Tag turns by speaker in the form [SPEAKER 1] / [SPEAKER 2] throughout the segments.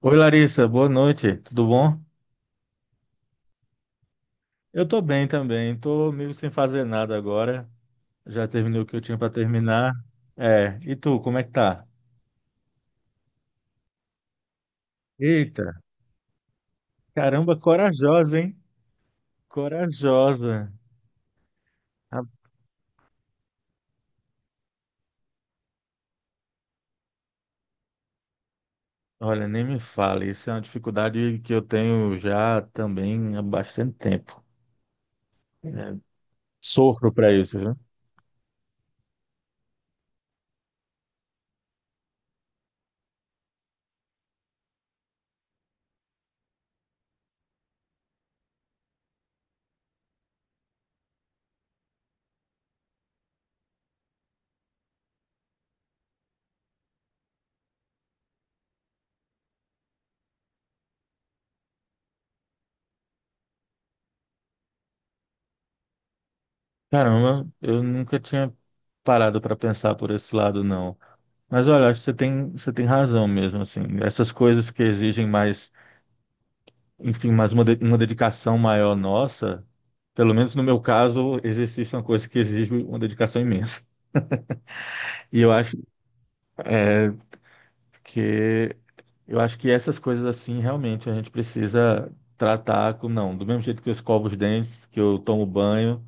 [SPEAKER 1] Oi Larissa, boa noite, tudo bom? Eu tô bem também, tô meio sem fazer nada agora, já terminei o que eu tinha para terminar. É, e tu, como é que tá? Eita, caramba, corajosa, hein? Corajosa. Ah, olha, nem me fale, isso é uma dificuldade que eu tenho já também há bastante tempo. É, sofro para isso, viu? Caramba, eu nunca tinha parado para pensar por esse lado, não. Mas olha, acho que você tem razão mesmo, assim. Essas coisas que exigem mais enfim, mas uma dedicação maior nossa, pelo menos no meu caso, exercício é uma coisa que exige uma dedicação imensa. E é, que eu acho que essas coisas assim realmente a gente precisa tratar com, não, do mesmo jeito que eu escovo os dentes, que eu tomo banho,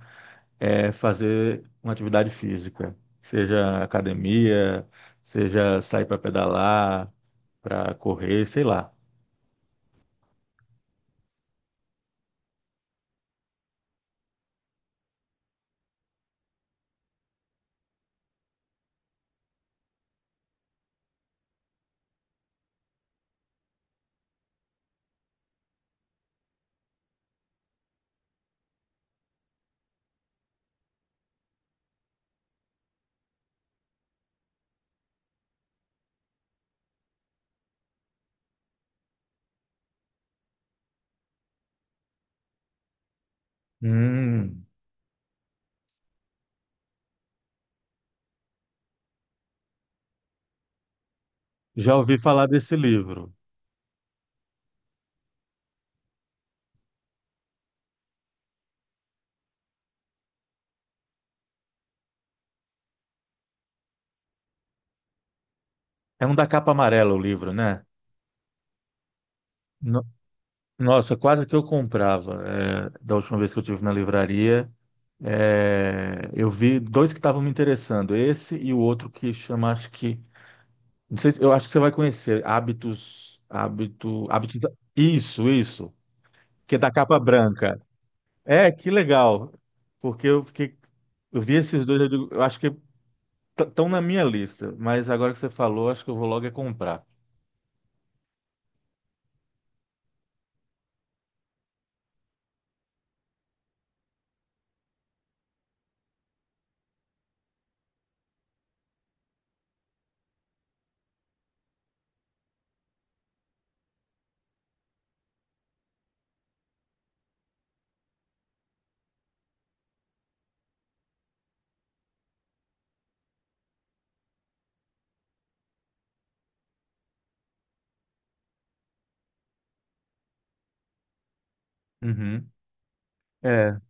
[SPEAKER 1] é fazer uma atividade física, seja academia, seja sair para pedalar, para correr, sei lá. Hum, já ouvi falar desse livro. É um da capa amarela o livro, né? No- Nossa, quase que eu comprava. É, da última vez que eu tive na livraria, é, eu vi dois que estavam me interessando. Esse e o outro que chama, acho que, não sei, eu acho que você vai conhecer. Hábitos, hábito, hábitos. Isso, isso. Que é da capa branca. É, que legal. Porque eu fiquei, eu vi esses dois, eu, digo, eu acho que estão na minha lista. Mas agora que você falou, acho que eu vou logo é comprar. Uhum. É.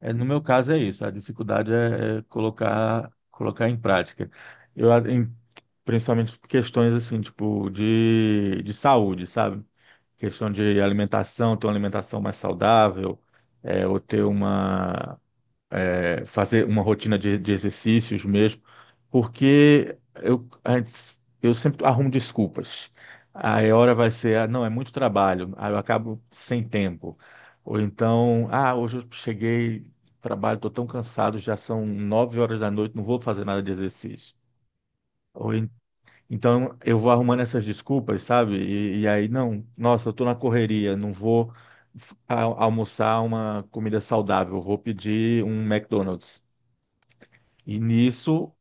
[SPEAKER 1] É, no meu caso é isso, a dificuldade é, é colocar, em prática. Eu, a- em- Principalmente questões assim, tipo, de saúde, sabe? Questão de alimentação, ter uma alimentação mais saudável, é, ou ter uma, fazer uma rotina de exercícios mesmo, porque eu, antes, eu sempre arrumo desculpas. Aí a hora vai ser, ah, não, é muito trabalho, aí eu acabo sem tempo. Ou então, ah, hoje eu cheguei, trabalho, estou tão cansado, já são 9 horas da noite, não vou fazer nada de exercício. Ou en- então eu vou arrumando essas desculpas, sabe? E aí, não, nossa, eu estou na correria, não vou. Almoçar uma comida saudável, vou pedir um McDonald's. E nisso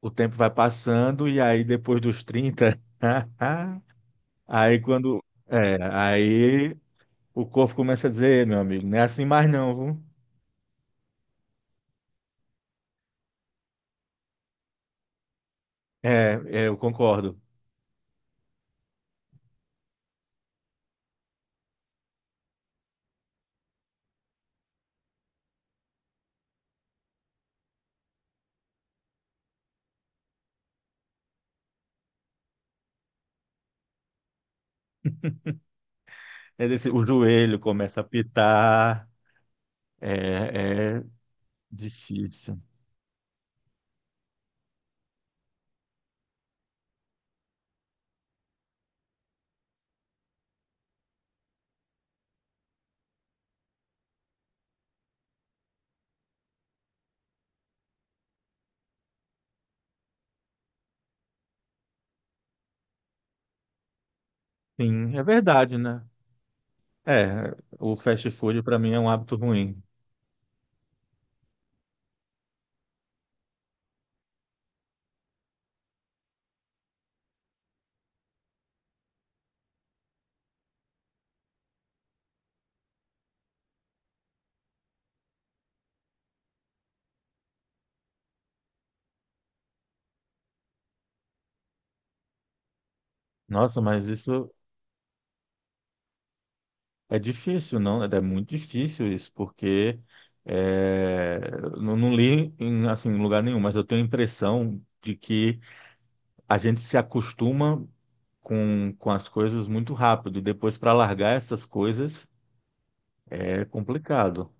[SPEAKER 1] o tempo vai passando, e aí depois dos 30 aí quando. É, aí o corpo começa a dizer, "Ei, meu amigo, não é assim mais não, viu?" É, eu concordo. O joelho começa a pitar, é difícil. Sim, é verdade, né? É, o fast food para mim é um hábito ruim. Nossa, mas isso é difícil, não? Né? É muito difícil isso, porque é, não, não li em, assim, em lugar nenhum, mas eu tenho a impressão de que a gente se acostuma com as coisas muito rápido, e depois para largar essas coisas é complicado.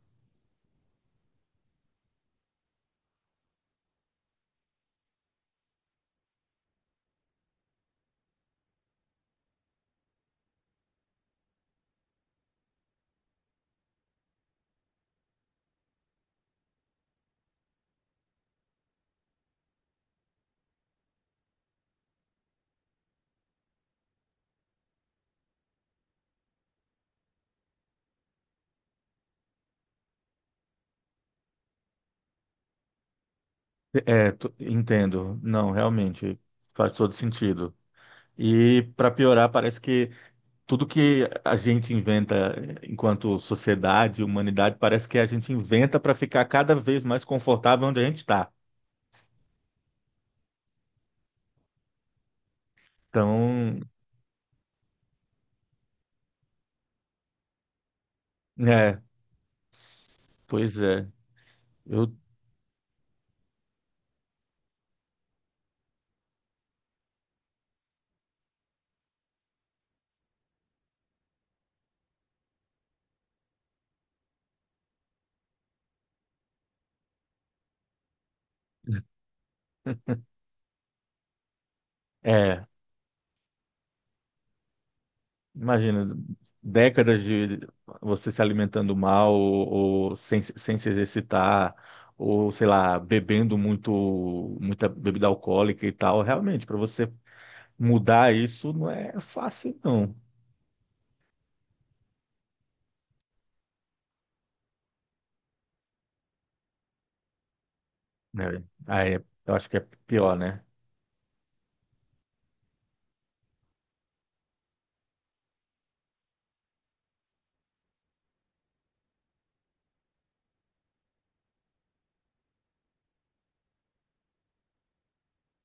[SPEAKER 1] Entendo. Não, realmente faz todo sentido. E para piorar, parece que tudo que a gente inventa enquanto sociedade, humanidade, parece que a gente inventa para ficar cada vez mais confortável onde a gente está. Então, é, pois é. Eu, é, imagina, décadas de você se alimentando mal ou sem, sem se exercitar, ou sei lá, bebendo muito, muita bebida alcoólica e tal. Realmente, para você mudar isso não é fácil, não. Né? Aí, eu acho que é pior, né?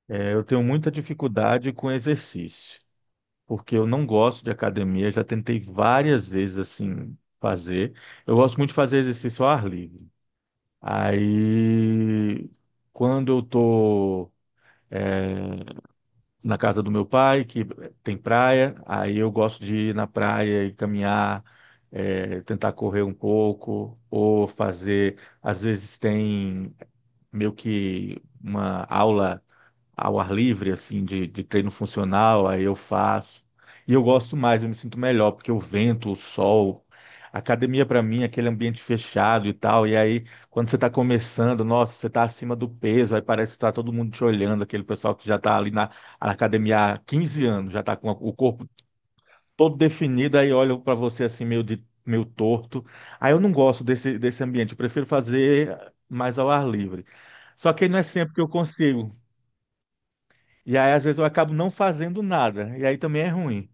[SPEAKER 1] É, eu tenho muita dificuldade com exercício. Porque eu não gosto de academia, já tentei várias vezes assim fazer. Eu gosto muito de fazer exercício ao ar livre. Aí, quando eu tô é, na casa do meu pai, que tem praia, aí eu gosto de ir na praia e caminhar, é, tentar correr um pouco, ou fazer, às vezes tem meio que uma aula ao ar livre, assim, de treino funcional, aí eu faço. E eu gosto mais, eu me sinto melhor, porque o vento, o sol, a academia para mim, é aquele ambiente fechado e tal, e aí quando você está começando, nossa, você está acima do peso, aí parece que está todo mundo te olhando, aquele pessoal que já está ali na, na academia há 15 anos, já está com o corpo todo definido, aí olha para você assim, meio de meio torto. Aí eu não gosto desse ambiente, eu prefiro fazer mais ao ar livre. Só que não é sempre que eu consigo. E aí, às vezes, eu acabo não fazendo nada. E aí também é ruim.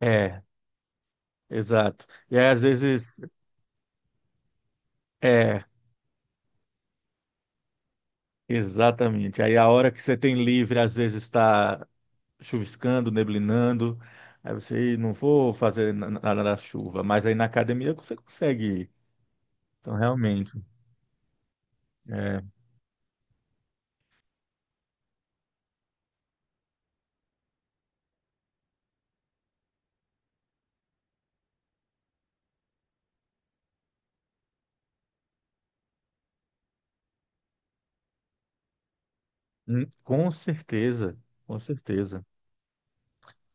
[SPEAKER 1] É, exato. E aí, às vezes, é, exatamente. Aí a hora que você tem livre, às vezes está chuviscando, neblinando. Aí você, "Ih, não vou fazer nada na chuva." Mas aí na academia você consegue ir. Então, realmente, é, com certeza, com certeza.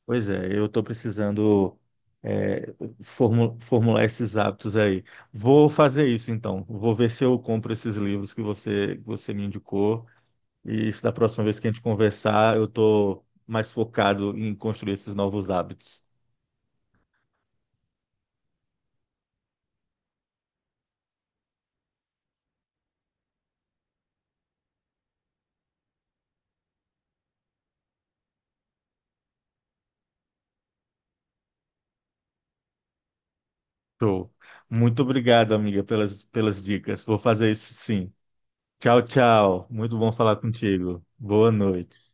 [SPEAKER 1] Pois é, eu estou precisando é, formular esses hábitos aí. Vou fazer isso então. Vou ver se eu compro esses livros que você me indicou. E se da próxima vez que a gente conversar, eu estou mais focado em construir esses novos hábitos. Show. Muito obrigado, amiga, pelas dicas. Vou fazer isso sim. Tchau, tchau. Muito bom falar contigo. Boa noite.